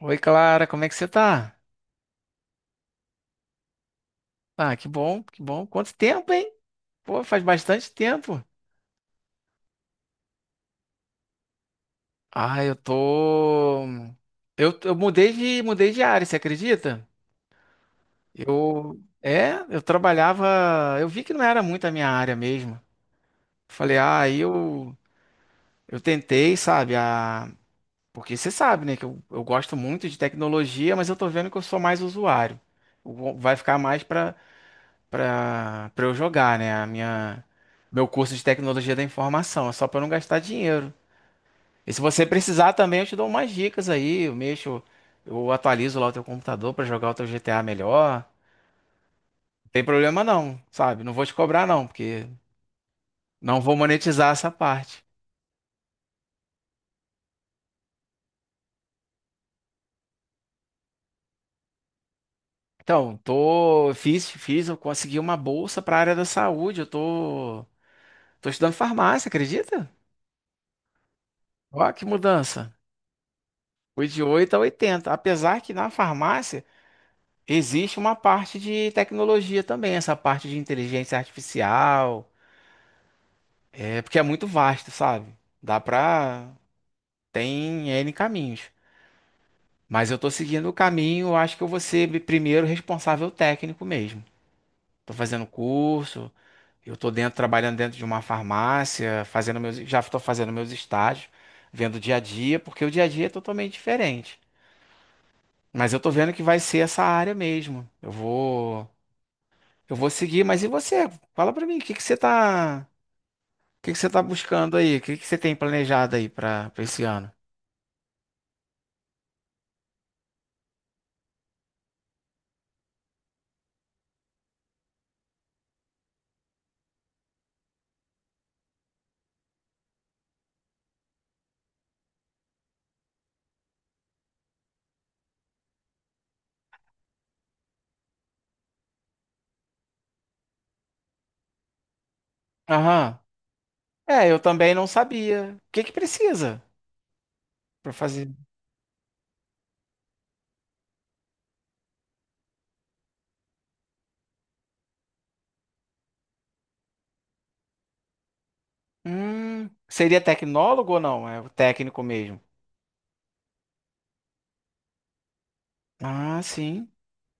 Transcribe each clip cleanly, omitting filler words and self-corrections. Oi, Clara, como é que você tá? Ah, que bom, que bom. Quanto tempo, hein? Pô, faz bastante tempo. Ah, eu tô. Eu mudei de área, você acredita? Eu. É, eu trabalhava. Eu vi que não era muito a minha área mesmo. Falei, ah, aí eu. Eu tentei, sabe? A. Porque você sabe, né? Que eu gosto muito de tecnologia, mas eu tô vendo que eu sou mais usuário. Eu. Vai ficar mais pra. Para eu jogar, né? A minha. Meu curso de tecnologia da informação, é só para não gastar dinheiro. E se você precisar também, eu te dou umas dicas aí, eu mexo, eu atualizo lá o teu computador para jogar o teu GTA melhor. Não tem problema não, sabe? Não vou te cobrar não, porque não vou monetizar essa parte. Então, tô fiz, eu consegui uma bolsa para área da saúde, eu tô estudando farmácia, acredita? Ó, que mudança. Fui de 8 a 80, apesar que na farmácia. Existe uma parte de tecnologia também, essa parte de inteligência artificial, é porque é muito vasto, sabe? Dá pra. Tem N caminhos. Mas eu tô seguindo o caminho, eu acho que eu vou ser primeiro responsável técnico mesmo. Tô fazendo curso, eu tô dentro, trabalhando dentro de uma farmácia, já tô fazendo meus estágios, vendo o dia a dia, porque o dia a dia é totalmente diferente. Mas eu tô vendo que vai ser essa área mesmo. Eu vou. Eu vou seguir, mas e você? Fala pra mim, o que que você tá buscando aí? O que que você tem planejado aí pra esse ano? Aham. É, eu também não sabia. O que que precisa pra fazer? Seria tecnólogo ou não? É o técnico mesmo. Ah, sim.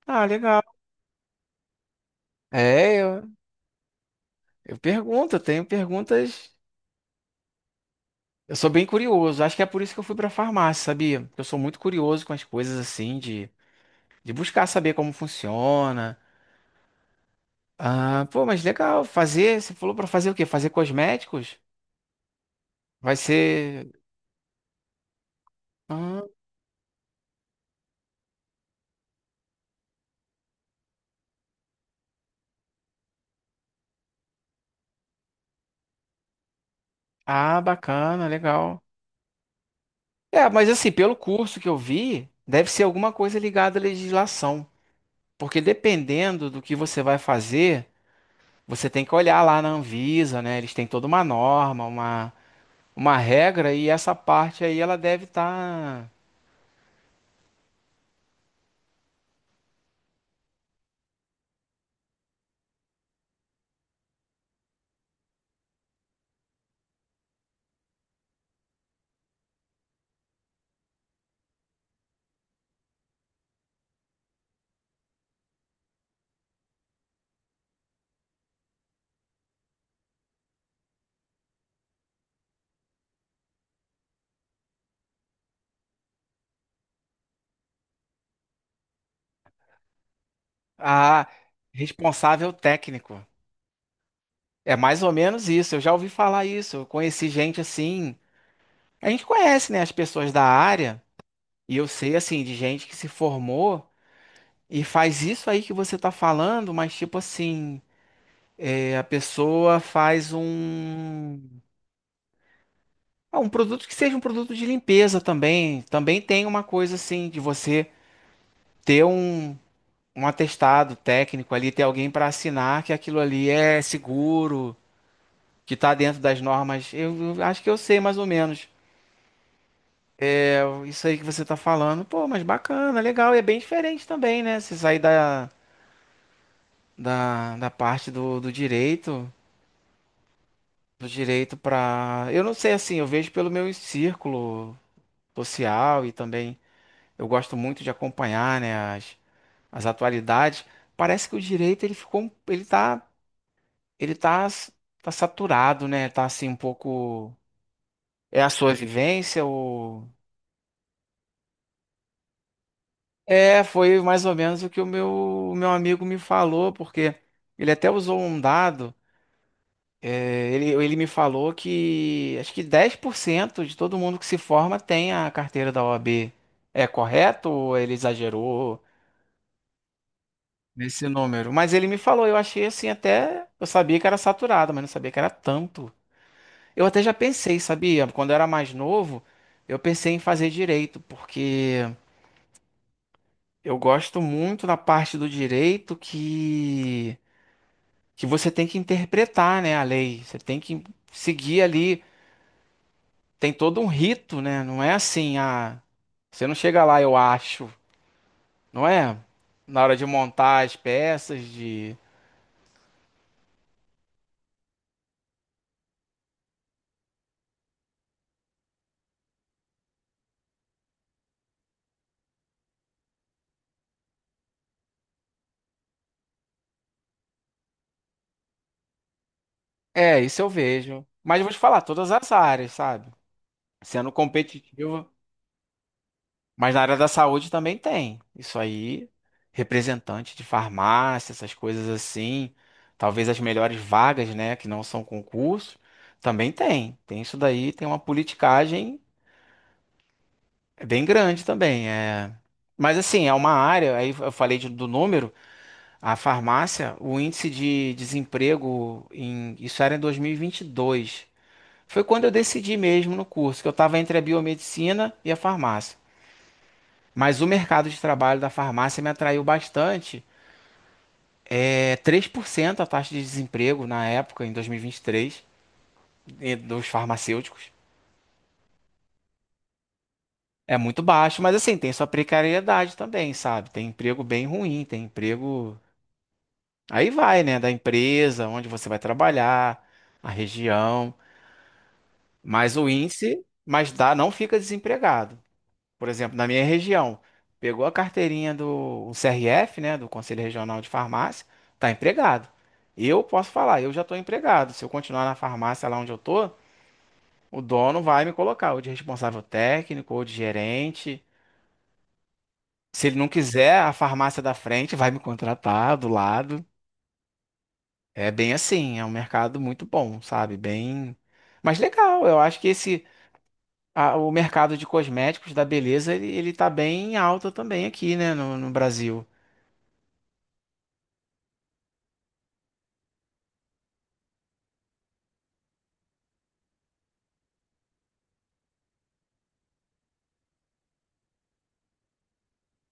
Ah, legal. É, eu pergunto, eu tenho perguntas. Eu sou bem curioso. Acho que é por isso que eu fui pra farmácia, sabia? Eu sou muito curioso com as coisas assim de buscar saber como funciona. Ah, pô, mas legal. Fazer, você falou pra fazer o quê? Fazer cosméticos? Vai ser. Ah, ah, bacana, legal. É, mas assim, pelo curso que eu vi, deve ser alguma coisa ligada à legislação. Porque dependendo do que você vai fazer, você tem que olhar lá na Anvisa, né? Eles têm toda uma norma, uma, regra, e essa parte aí ela deve estar a responsável técnico. É mais ou menos isso. Eu já ouvi falar isso. Eu conheci gente assim. A gente conhece, né, as pessoas da área, e eu sei, assim, de gente que se formou e faz isso aí que você tá falando, mas tipo assim, é, a pessoa faz um. Ah, um produto que seja um produto de limpeza também. Também tem uma coisa assim, de você ter um, atestado técnico ali, ter alguém para assinar que aquilo ali é seguro, que tá dentro das normas. Eu acho que eu sei mais ou menos. É, isso aí que você tá falando, pô, mas bacana, legal, e é bem diferente também, né? Você sair da parte do do direito para, eu não sei assim, eu vejo pelo meu círculo social e também eu gosto muito de acompanhar, né, as, atualidades. Parece que o direito ele ficou, ele tá, s- tá saturado, né? Tá assim um pouco é a sua vivência ou é, foi mais ou menos o que o meu, amigo me falou, porque ele até usou um dado. É, ele me falou que acho que 10% de todo mundo que se forma tem a carteira da OAB. É correto ou ele exagerou nesse número? Mas ele me falou, eu achei assim até. Eu sabia que era saturado, mas não sabia que era tanto. Eu até já pensei, sabia? Quando eu era mais novo, eu pensei em fazer direito, porque eu gosto muito da parte do direito que você tem que interpretar, né, a lei. Você tem que seguir ali. Tem todo um rito, né? Não é assim, ah, você não chega lá, eu acho, não é? Na hora de montar as peças, de. É, isso eu vejo. Mas eu vou te falar, todas as áreas, sabe? Sendo competitivo, mas na área da saúde também tem. Isso aí, representante de farmácia, essas coisas assim, talvez as melhores vagas, né, que não são concurso, também tem. Tem isso daí, tem uma politicagem. É bem grande também, é. Mas assim, é uma área, aí eu falei do número, a farmácia, o índice de desemprego em, isso era em dois mil e vinte e dois. Foi quando eu decidi mesmo no curso, que eu estava entre a biomedicina e a farmácia. Mas o mercado de trabalho da farmácia me atraiu bastante. É 3% a taxa de desemprego na época, em 2023, e vinte e três, e dos farmacêuticos. É muito baixo, mas assim, tem sua precariedade também, sabe? Tem emprego bem ruim, tem emprego. Aí vai, né, da empresa, onde você vai trabalhar, a região, mas o índice, mas dá, não fica desempregado. Por exemplo, na minha região, pegou a carteirinha do CRF, né, do Conselho Regional de Farmácia, tá empregado. Eu posso falar, eu já estou empregado. Se eu continuar na farmácia lá onde eu tô, o dono vai me colocar ou de responsável técnico ou de gerente. Se ele não quiser, a farmácia da frente vai me contratar do lado. É bem assim, é um mercado muito bom, sabe? Bem, mas legal. Eu acho que esse o mercado de cosméticos da beleza ele tá bem alto também aqui, né, no Brasil.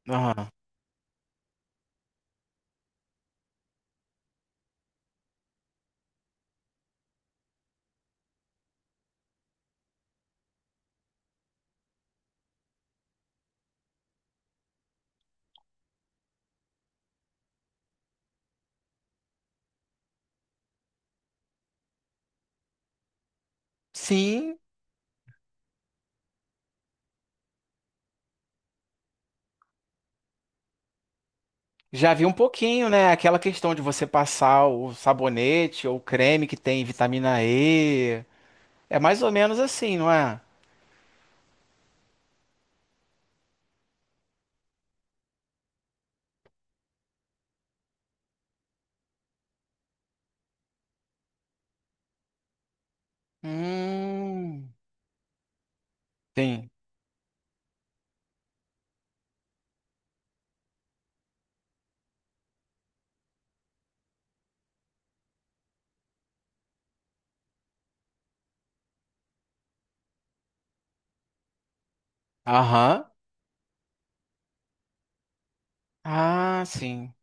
Aham. Sim, já vi um pouquinho, né? Aquela questão de você passar o sabonete ou creme que tem vitamina E. É mais ou menos assim, não é? Hum, sim. Aham. Ah, sim.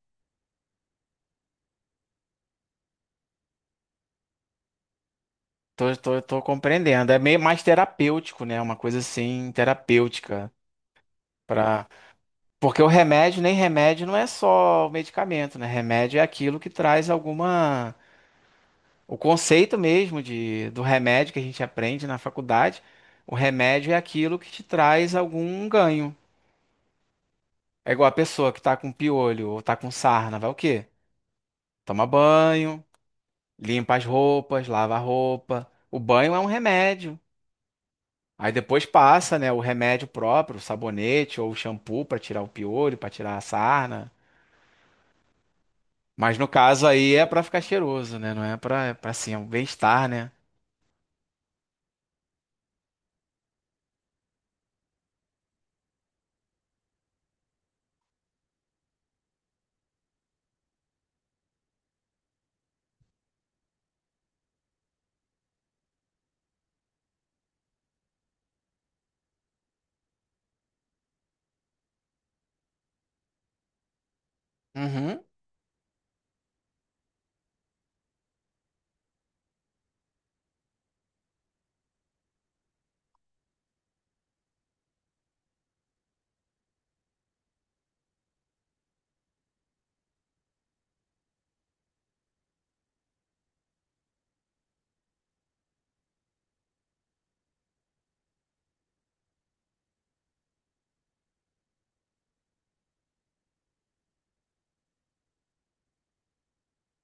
Tô compreendendo. É meio mais terapêutico, né? Uma coisa assim, terapêutica. Pra. Porque o remédio, nem remédio, não é só o medicamento, né? Remédio é aquilo que traz alguma. O conceito mesmo do remédio que a gente aprende na faculdade, o remédio é aquilo que te traz algum ganho. É igual a pessoa que tá com piolho ou tá com sarna, vai o quê? Toma banho, limpa as roupas, lava a roupa. O banho é um remédio. Aí depois passa, né, o remédio próprio, o sabonete ou o shampoo pra tirar o piolho, pra tirar a sarna. Mas no caso aí é pra ficar cheiroso, né? Não é pra, é pra assim, é um bem-estar, né? Uhum.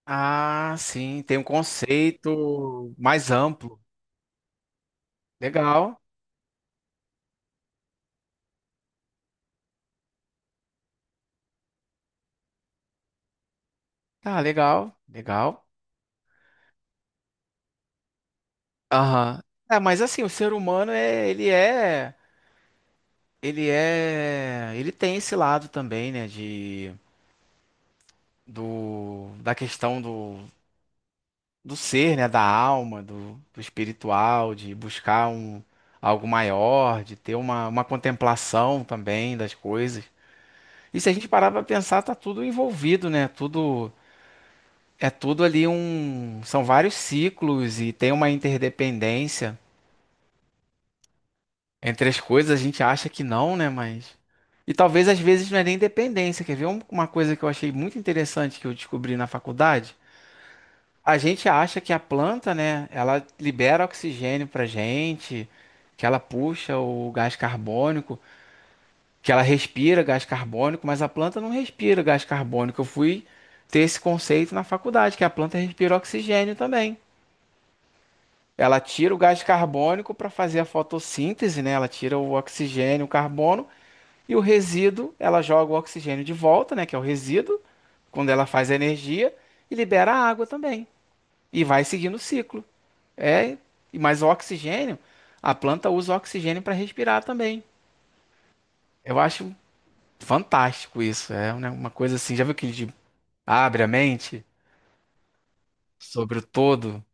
Ah, sim, tem um conceito mais amplo. Legal. Tá, legal, legal. Aham. É, mas assim, o ser humano é, ele é, ele tem esse lado também, né, de do da questão do ser, né, da alma, do espiritual, de buscar um algo maior, de ter uma, contemplação também das coisas. E se a gente parar para pensar, tá tudo envolvido, né? Tudo é tudo ali um, são vários ciclos e tem uma interdependência entre as coisas. A gente acha que não, né? Mas e talvez às vezes não é nem dependência. Quer ver uma coisa que eu achei muito interessante que eu descobri na faculdade? A gente acha que a planta, né? Ela libera oxigênio pra gente, que ela puxa o gás carbônico. Que ela respira gás carbônico, mas a planta não respira gás carbônico. Eu fui ter esse conceito na faculdade, que a planta respira oxigênio também. Ela tira o gás carbônico para fazer a fotossíntese, né? Ela tira o oxigênio, o carbono e o resíduo, ela joga o oxigênio de volta, né, que é o resíduo, quando ela faz a energia e libera a água também. E vai seguindo o ciclo. É, e mas o oxigênio, a planta usa o oxigênio para respirar também. Eu acho fantástico isso, é né, uma coisa assim, já viu aquele de abre a mente sobre o todo.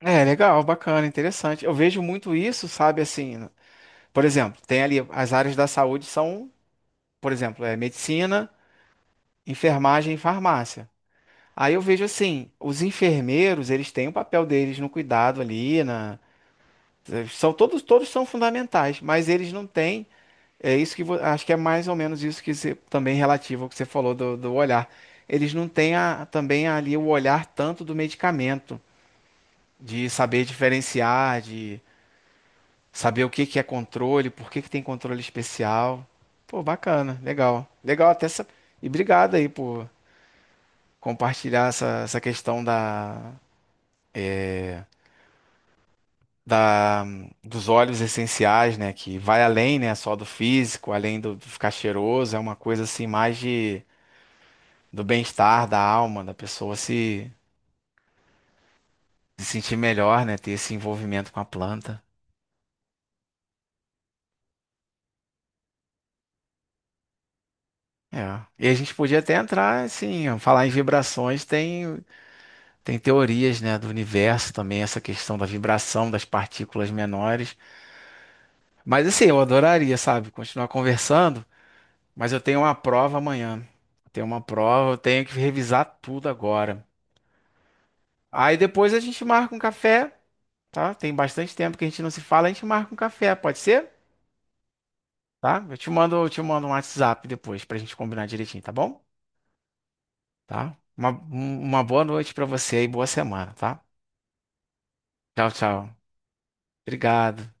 É legal, bacana, interessante. Eu vejo muito isso, sabe, assim, por exemplo, tem ali as áreas da saúde são, por exemplo, é medicina, enfermagem e farmácia. Aí eu vejo assim, os enfermeiros, eles têm o papel deles no cuidado ali, na, são todos são fundamentais, mas eles não têm, é isso que acho que é mais ou menos isso que você, também relativo ao que você falou do olhar. Eles não têm a, também ali o olhar tanto do medicamento. De saber diferenciar, de saber o que que é controle, por que que tem controle especial. Pô, bacana, legal. Legal até essa. E obrigado aí por compartilhar essa questão da, dos óleos essenciais, né? Que vai além, né? Só do físico, além do ficar cheiroso, é uma coisa assim mais de, do bem-estar da alma, da pessoa se, sentir melhor, né? Ter esse envolvimento com a planta. É. E a gente podia até entrar, assim, falar em vibrações. Tem teorias, né, do universo também, essa questão da vibração das partículas menores. Mas assim, eu adoraria, sabe, continuar conversando, mas eu tenho uma prova amanhã. Tenho uma prova, eu tenho que revisar tudo agora. Aí depois a gente marca um café, tá? Tem bastante tempo que a gente não se fala, a gente marca um café, pode ser? Tá? Eu te mando um WhatsApp depois pra gente combinar direitinho, tá bom? Tá? Uma boa noite pra você e boa semana, tá? Tchau, tchau. Obrigado.